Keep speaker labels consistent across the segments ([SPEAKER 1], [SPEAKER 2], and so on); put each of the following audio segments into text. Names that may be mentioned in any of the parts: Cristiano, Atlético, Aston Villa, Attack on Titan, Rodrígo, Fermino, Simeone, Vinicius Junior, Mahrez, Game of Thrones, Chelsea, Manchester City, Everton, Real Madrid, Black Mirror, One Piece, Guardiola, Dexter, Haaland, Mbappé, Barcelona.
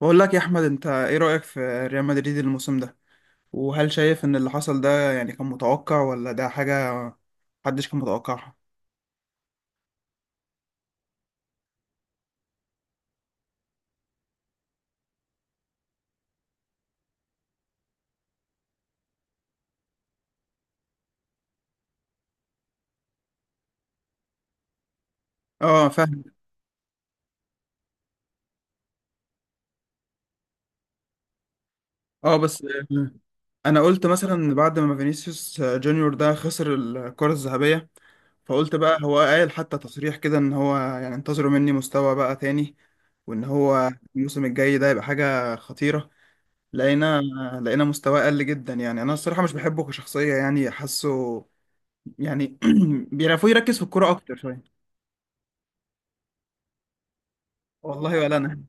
[SPEAKER 1] بقول لك يا احمد، انت ايه رأيك في ريال مدريد الموسم ده؟ وهل شايف ان اللي حصل ده يعني كان متوقع، ولا ده حاجة محدش كان متوقعها؟ اه فاهم. اه بس انا قلت مثلا بعد ما فينيسيوس جونيور ده خسر الكرة الذهبية، فقلت بقى هو قال حتى تصريح كده ان هو يعني انتظروا مني مستوى بقى تاني، وان هو الموسم الجاي ده يبقى حاجة خطيرة. لقينا لقينا مستواه قل جدا. يعني انا الصراحة مش بحبه كشخصية، يعني حاسه يعني بيعرفوا يركز في الكوره اكتر شويه. والله ولا انا،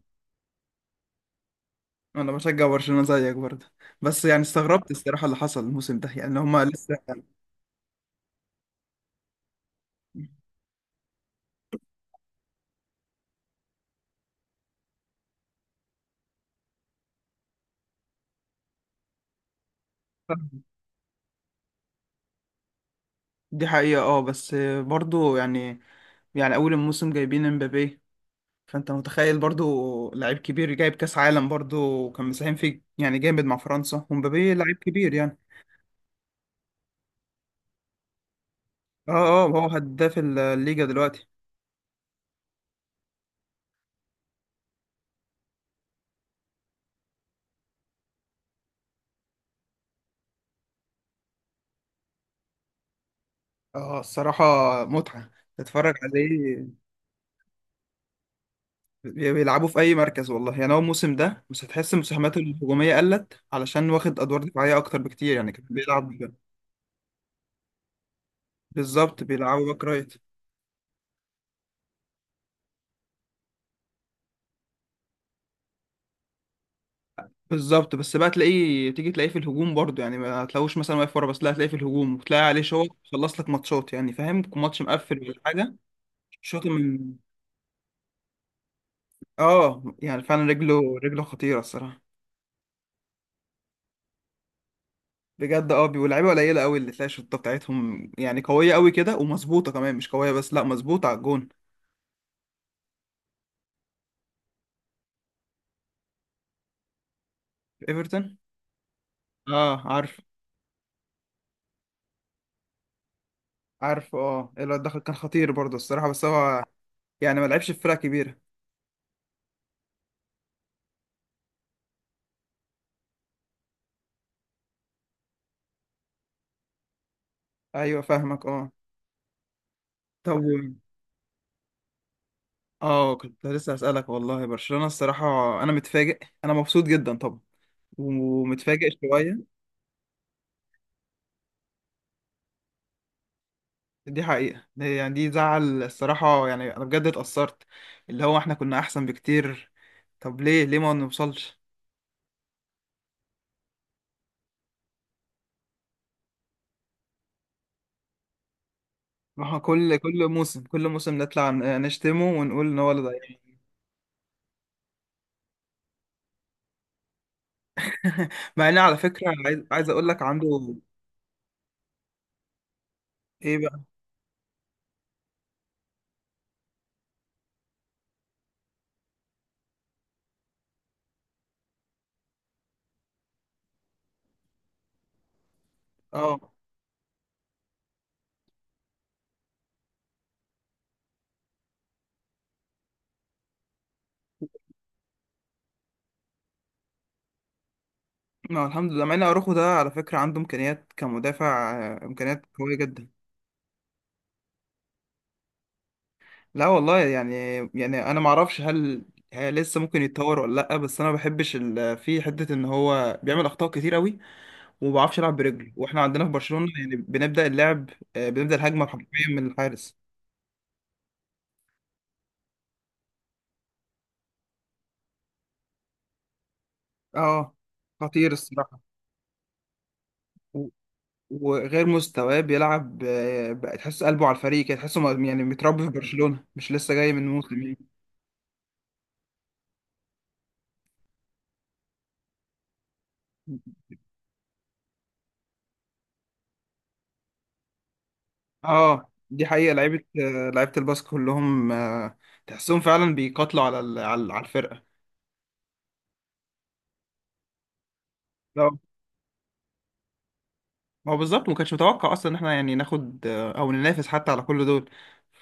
[SPEAKER 1] انا بشجع برشلونه زيك برضه. بس يعني استغربت الصراحه اللي حصل الموسم ده، يعني هما لسه دي حقيقة، اه بس برضو يعني، يعني أول الموسم جايبين امبابي، فأنت متخيل برضو لعيب كبير جايب كأس عالم، برضو كان مساهم فيه يعني جامد مع فرنسا، ومبابي لعيب كبير يعني. اه اه، هو هداف الليجا دلوقتي. اه الصراحة متعة تتفرج عليه. بيلعبوا في اي مركز والله. يعني هو الموسم ده بس هتحس المساهمات الهجوميه قلت، علشان واخد ادوار دفاعيه اكتر بكتير، يعني كان بيلعب بالظبط بيلعبوا باك رايت. بالظبط، بس بقى تلاقيه تيجي تلاقيه في الهجوم برضه، يعني ما هتلاقوش مثلا واقف ورا بس، لا هتلاقيه في الهجوم وتلاقي عليه شوط خلص لك ماتشات. يعني فاهم، ماتش مقفل ولا حاجه. شوط من، اه يعني فعلا رجله خطيره الصراحه. بجد اه واللعيبه قليله قوي اللي تلاقي الشوطه بتاعتهم يعني قويه قوي كده، ومظبوطه كمان، مش قويه بس، لا مظبوطه على الجون. ايفرتون. اه عارف. عارفه اه، الواد دخل كان خطير برضه الصراحة، بس هو يعني ما لعبش في فرقة كبيرة. ايوه فاهمك اه. طب اه كنت لسه هسألك والله. برشلونة الصراحة انا متفاجئ. انا مبسوط جدا طبعا، ومتفاجئ شوية. دي حقيقة، دي يعني دي زعل الصراحة، يعني انا بجد اتأثرت. اللي هو احنا كنا احسن بكتير. طب ليه ما نوصلش؟ ما هو كل موسم، كل موسم نطلع نشتمه ونقول ان هو اللي ضيع. مع ان على فكرة، عايز اقول لك عنده. ايه بقى؟ اه، ما الحمد لله. مع ان اروخو ده على فكره عنده امكانيات كمدافع، امكانيات قويه جدا. لا والله يعني، يعني انا ما اعرفش هل هي لسه ممكن يتطور ولا لا، بس انا ما بحبش في حته ان هو بيعمل اخطاء كتير قوي، وما بيعرفش يلعب برجله. واحنا عندنا في برشلونه يعني بنبدا اللعب، بنبدا الهجمه حرفيا من الحارس. اه خطير الصراحه. و- وغير مستواه بيلعب، بقى تحس قلبه على الفريق كده، تحسه يعني متربي في برشلونه، مش لسه جاي من موسم يعني. اه دي حقيقة، لعيبة لعيبة الباسك كلهم، تحسهم فعلا بيقاتلوا على على الفرقة. لا ما هو بالظبط، ما كانش متوقع اصلا ان احنا يعني ناخد، او ننافس حتى على كل دول.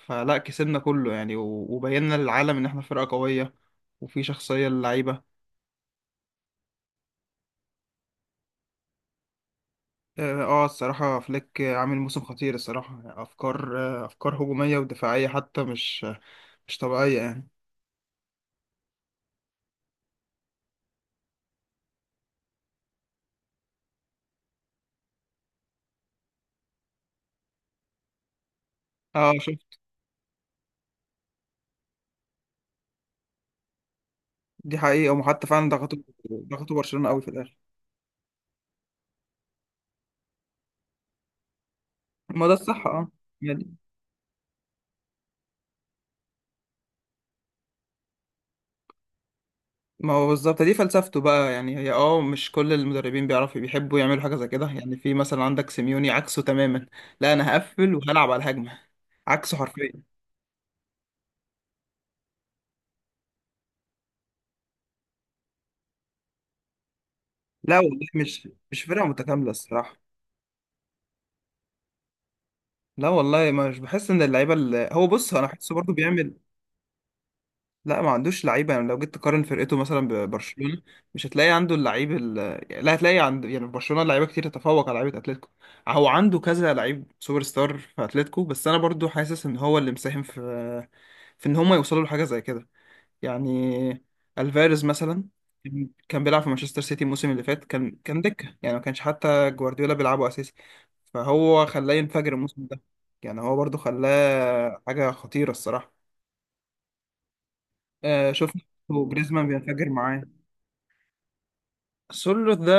[SPEAKER 1] فلا كسبنا كله يعني، وبينا للعالم ان احنا فرقة قوية، وفي شخصية للعيبة. اه الصراحة فليك عامل موسم خطير الصراحة. افكار، افكار هجومية ودفاعية حتى، مش مش طبيعية يعني. اه شوف. دي حقيقة، وحتى فعلا ضغطوا، ضغطوا برشلونة قوي في الاخر. ما ده الصح اه. يعني ما هو بالظبط دي فلسفته بقى. يعني هي اه مش كل المدربين بيعرفوا بيحبوا يعملوا حاجة زي كده. يعني في مثلا عندك سيميوني عكسه تماما. لا انا هقفل وهلعب على الهجمة، عكسه حرفيا. لا والله مش فرقة متكاملة الصراحة. لا والله مش بحس ان اللعيبة، اللي هو بص انا بحسه برضه بيعمل. لا ما عندوش لعيبه. يعني لو جيت تقارن فرقته مثلا ببرشلونه، مش هتلاقي عنده اللعيب ال... لا هتلاقي عند، يعني في برشلونه لعيبه كتير تتفوق على لعيبه اتلتيكو. هو عنده كذا لعيب سوبر ستار في اتلتيكو، بس انا برضو حاسس ان هو اللي مساهم في، في ان هم يوصلوا لحاجه زي كده يعني. الفاريز مثلا، كان بيلعب في مانشستر سيتي الموسم اللي فات، كان دكه، يعني ما كانش حتى جوارديولا بيلعبه اساسي. فهو خلاه ينفجر الموسم ده. يعني هو برضو خلاه حاجه خطيره الصراحه. آه شفنا. وجريزمان بينفجر معاه. سولو ده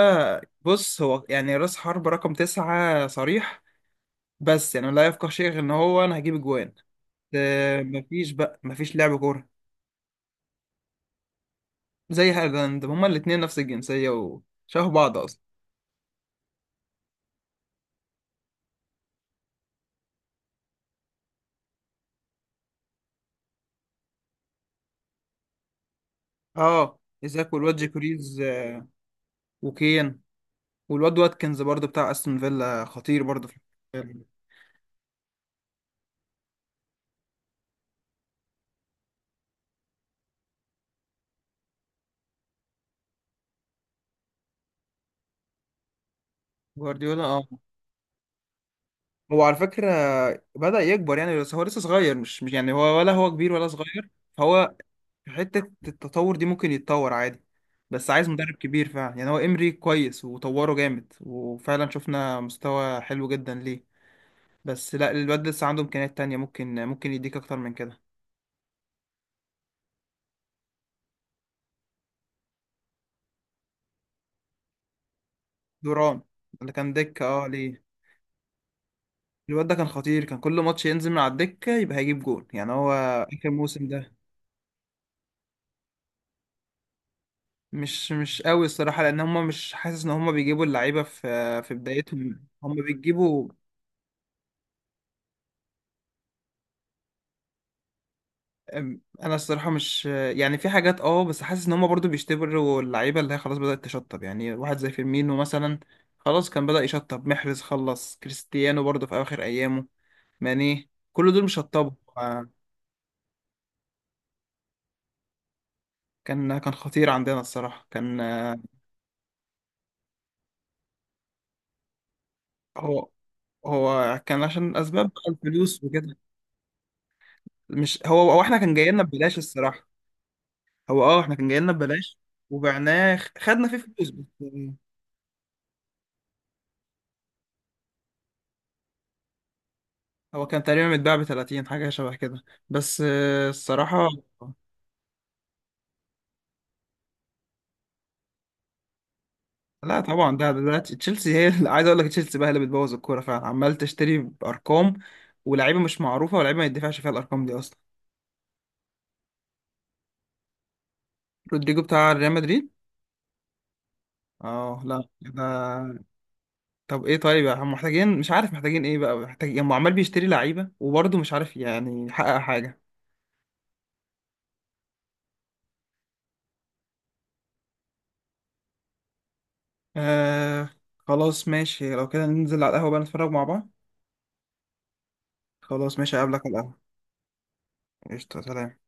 [SPEAKER 1] بص هو يعني راس حرب رقم تسعة صريح، بس يعني لا يفقه شيء غير ان هو انا هجيب اجوان. آه مفيش بقى، مفيش لعب كورة. زي هالاند، هما الاتنين نفس الجنسية وشبه بعض اصلا. اه ايزاك والواد جيكوريز وكين، والواد واتكنز برضه بتاع استون فيلا، خطير برضه في. جوارديولا اه. هو على فكرة بدأ يكبر يعني، بس هو لسه صغير، مش مش يعني، هو ولا هو كبير ولا صغير. فهو حتة التطور دي ممكن يتطور عادي، بس عايز مدرب كبير فعلا. يعني هو إمري كويس وطوره جامد، وفعلا شفنا مستوى حلو جدا ليه، بس لا الواد لسه عنده إمكانيات تانية، ممكن يديك أكتر من كده. دوران، اللي كان دكة اه ليه. الواد ده كان خطير، كان كل ماتش ينزل من على الدكة يبقى هيجيب جول. يعني هو آخر موسم ده مش مش قوي الصراحة، لأن هما مش، حاسس إن هما بيجيبوا اللعيبة في في بدايتهم، هما بيجيبوا. انا الصراحه مش، يعني في حاجات اه، بس حاسس ان هم برضو بيشتبروا اللعيبه اللي هي خلاص بدات تشطب. يعني واحد زي فيرمينو مثلا، خلاص كان بدا يشطب، محرز خلص، كريستيانو برضو في اخر ايامه، ماني، كل دول شطبوا. آه، كان كان خطير عندنا الصراحه، كان هو هو كان عشان اسباب بقى، الفلوس وكده. مش هو، هو احنا كان جاي لنا ببلاش الصراحه. هو اه احنا كان جاي لنا ببلاش، وبعناه خدنا فيه فلوس بس يعني. هو كان تقريبا متباع ب 30 حاجة شبه كده، بس الصراحة. لا طبعا، ده ده دلوقتي تشيلسي هي عايز اقول لك تشيلسي بقى هي اللي بتبوظ الكورة فعلا، عمال تشتري بأرقام ولاعيبة مش معروفة ولاعيبة ما يدفعش فيها الأرقام دي أصلا. رودريجو بتاع ريال مدريد. اه لا ده. طب ايه، طيب هم محتاجين، مش عارف محتاجين ايه بقى محتاجين، هم عمال بيشتري لعيبة وبرضه مش عارف يعني يحقق حاجة. آه خلاص ماشي، لو كده ننزل على القهوة بقى نتفرج مع بعض. خلاص ماشي، أقابلك على القهوة. قشطة، سلام.